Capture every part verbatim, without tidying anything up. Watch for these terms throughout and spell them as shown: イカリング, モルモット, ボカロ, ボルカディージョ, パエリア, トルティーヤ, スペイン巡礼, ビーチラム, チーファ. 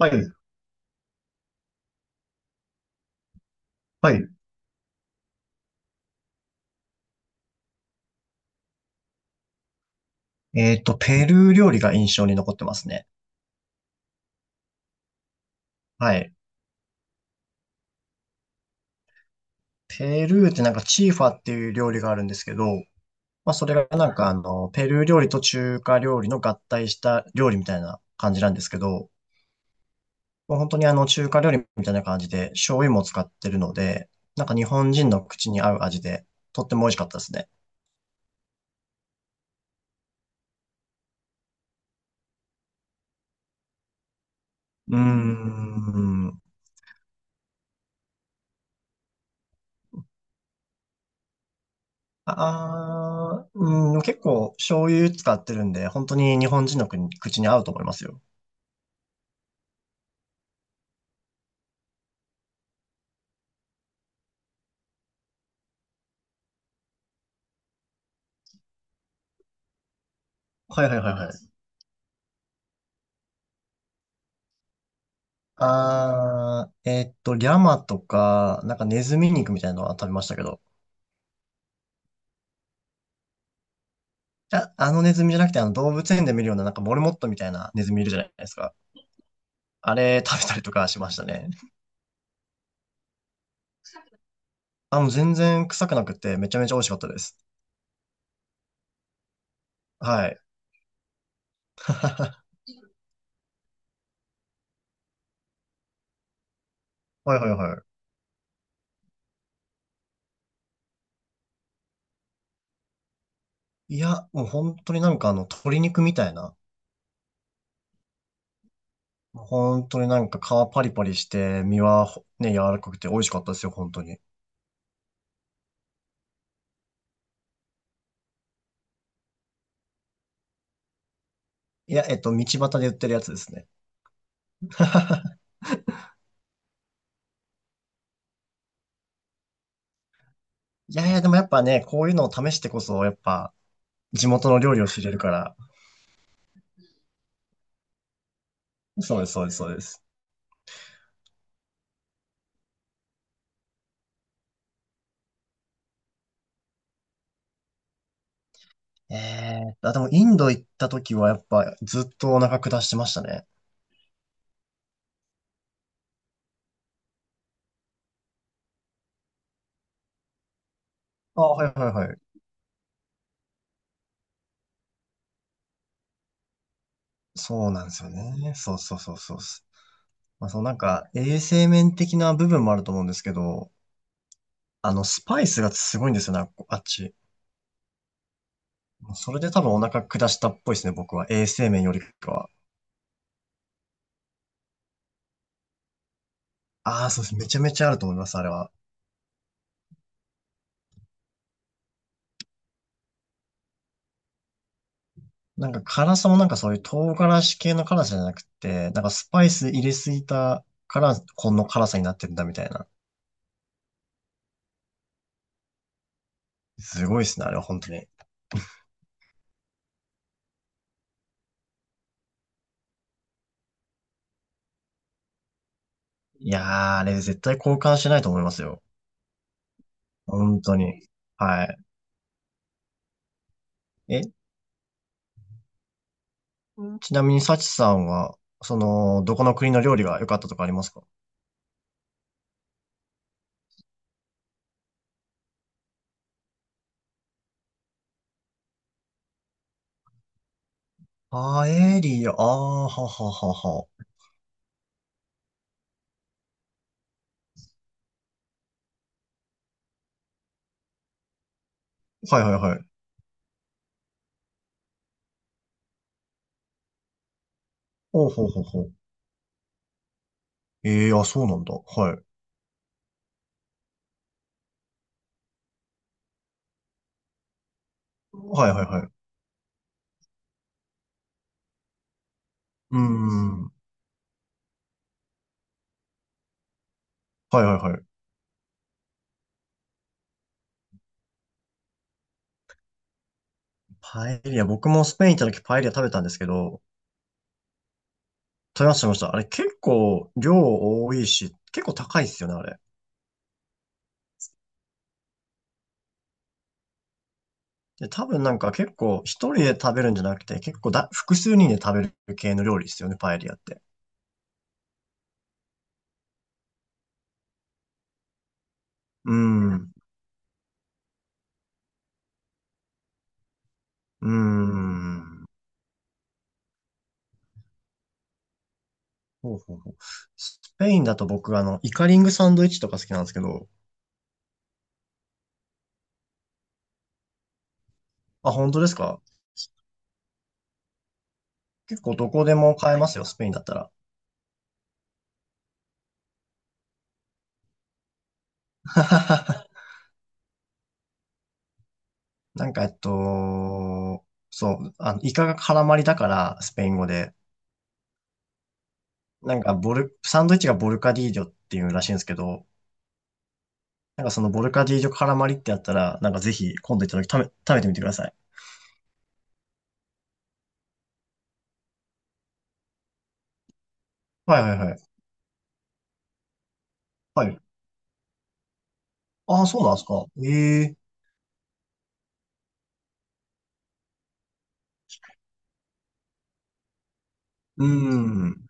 はい、はい。えっと、ペルー料理が印象に残ってますね。はい。ペルーってなんかチーファっていう料理があるんですけど、まあそれがなんかあの、ペルー料理と中華料理の合体した料理みたいな感じなんですけど、もう本当にあの中華料理みたいな感じで醤油も使ってるので、なんか日本人の口に合う味で、とっても美味しかったですね。うーん。ああ、うん、結構醤油使ってるんで、本当に日本人の国口に合うと思いますよ。はいはいはいはい。あー、えーっと、リャマとか、なんかネズミ肉みたいなのは食べましたけど、あ、あのネズミじゃなくて、あの動物園で見るような、なんかモルモットみたいなネズミいるじゃないですか。あれ食べたりとかしましたね。あ、もう全然臭くなくて、めちゃめちゃ美味しかったです。はい。はいはいはい。いや、もう本当になんかあの、鶏肉みたいな。もう本当になんか皮パリパリして、身はほね、柔らかくて美味しかったですよ、本当に。いや、えっと、道端で売ってるやつですね。いやいや、でもやっぱね、こういうのを試してこそ、やっぱ、地元の料理を知れるから。そうです、そうです、そうです。ええーあ、でも、インド行った時は、やっぱ、ずっとお腹下してましたね。あ、はいはいはい。そうなんですよね。そうそうそうそうっす。まあ、そのなんか、衛生面的な部分もあると思うんですけど、あの、スパイスがすごいんですよね、ああっち。それで多分お腹下したっぽいですね、僕は。衛生面よりかは。ああ、そうです。めちゃめちゃあると思います、あれは。なんか辛さもなんかそういう唐辛子系の辛さじゃなくて、なんかスパイス入れすぎたから、この辛さになってるんだみたいな。すごいっすね、あれは本当に。いやー、あれ絶対交換しないと思いますよ。本当に。はい。え、ちなみにサチさんは、その、どこの国の料理が良かったとかありますか？パエリア、あー、はははは。はいはいはい。おうほうほうほう。ええー、あ、そうなんだ。はい。はいはいはい。うーん。はいはいはい。パエリア、僕もスペイン行った時パエリア食べたんですけど、食べました、食べました。あれ結構量多いし、結構高いですよね、あれ。で、多分なんか結構一人で食べるんじゃなくて、結構だ、複数人で食べる系の料理ですよね、パエリアって。うん、うーん。ほうほうほう。スペインだと僕、あの、イカリングサンドイッチとか好きなんですけど、あ、本当ですか？結構どこでも買えますよ、スペインだったら。なんか、えっと、そう、あの、イカが絡まりだから、スペイン語で、なんかボル、サンドイッチがボルカディージョっていうらしいんですけど、なんかそのボルカディージョ絡まりってやったら、なんかぜひ今度行った時食べ、食べてみてください。はいはいはい。はい。ああ、そうなんですか。ええうーん。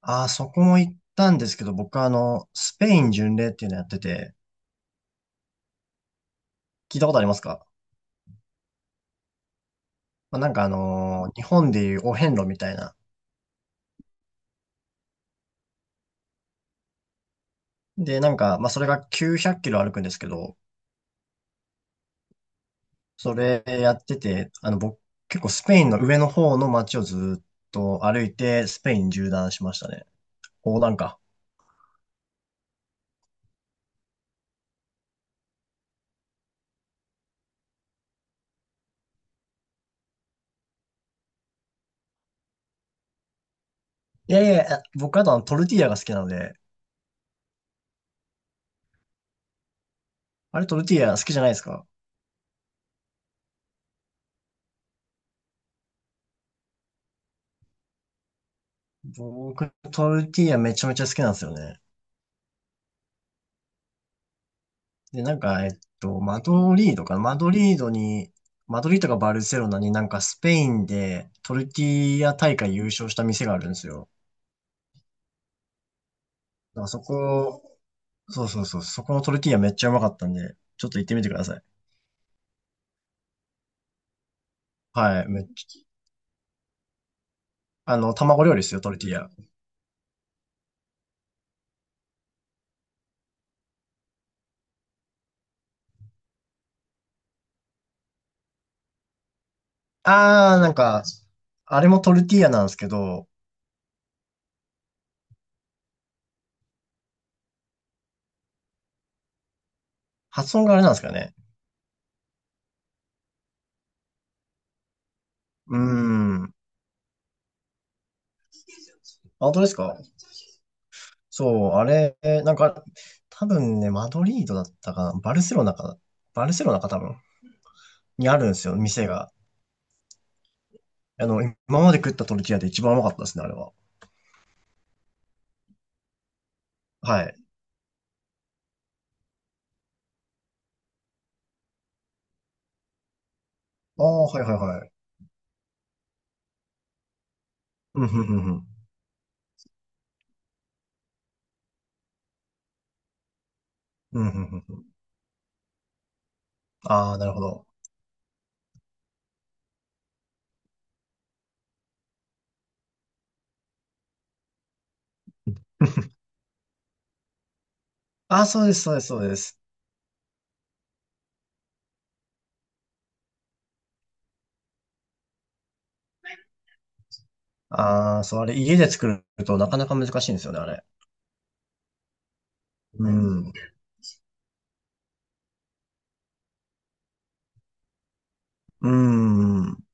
ああ、そこも行ったんですけど、僕はあの、スペイン巡礼っていうのやってて、聞いたことありますか？まあ、なんかあのー日本でいうお遍路みたいな。で、なんか、まあそれがきゅうひゃくキロ歩くんですけど、それやってて、あの、僕、結構スペインの上の方の街をずっと歩いて、スペイン縦断しましたね。横断か。いやいや、僕あとあのトルティーヤが好きなので、あれトルティーヤ好きじゃないですか？僕、トルティーヤめちゃめちゃ好きなんですよね。で、なんか、えっと、マドリードかなマドリードに、マドリードかバルセロナになんかスペインでトルティーヤ大会優勝した店があるんですよ。だからそこ、そうそうそう、そこのトルティーヤめっちゃうまかったんで、ちょっと行ってみてください。はい、めっちゃあの、卵料理ですよ、トルティーヤ。あー、なんか、あれもトルティーヤなんですけど、発音があれなんですかね。うーん。あ本当ですか？そう、あれ、なんか、多分ね、マドリードだったかな。バルセロナかな。バルセロナか多分。にあるんですよ、店が。あの、今まで食ったトルティーヤで一番うまかったですね、あれは。はい。ああ、はいはいはい。うんふんふんふん。うんふんふんふん。ああ、なるほど。ああ、そうです、そうです、そうです。ああ、そう、あれ、家で作るとなかなか難しいんですよね、あれ。うん。うーん。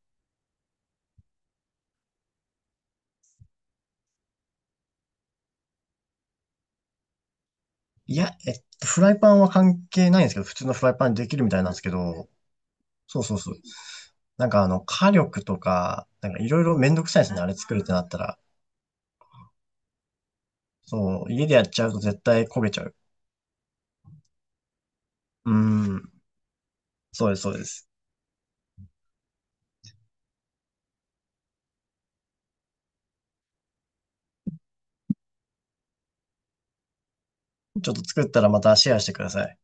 いや、えっと、フライパンは関係ないんですけど、普通のフライパンでできるみたいなんですけど、そうそうそう。なんかあの、火力とか、なんかいろいろめんどくさいですね、あれ作るってなったら。そう、家でやっちゃうと絶対焦げちゃう。うーん。そうです、そうです。ちょっと作ったらまたシェアしてください。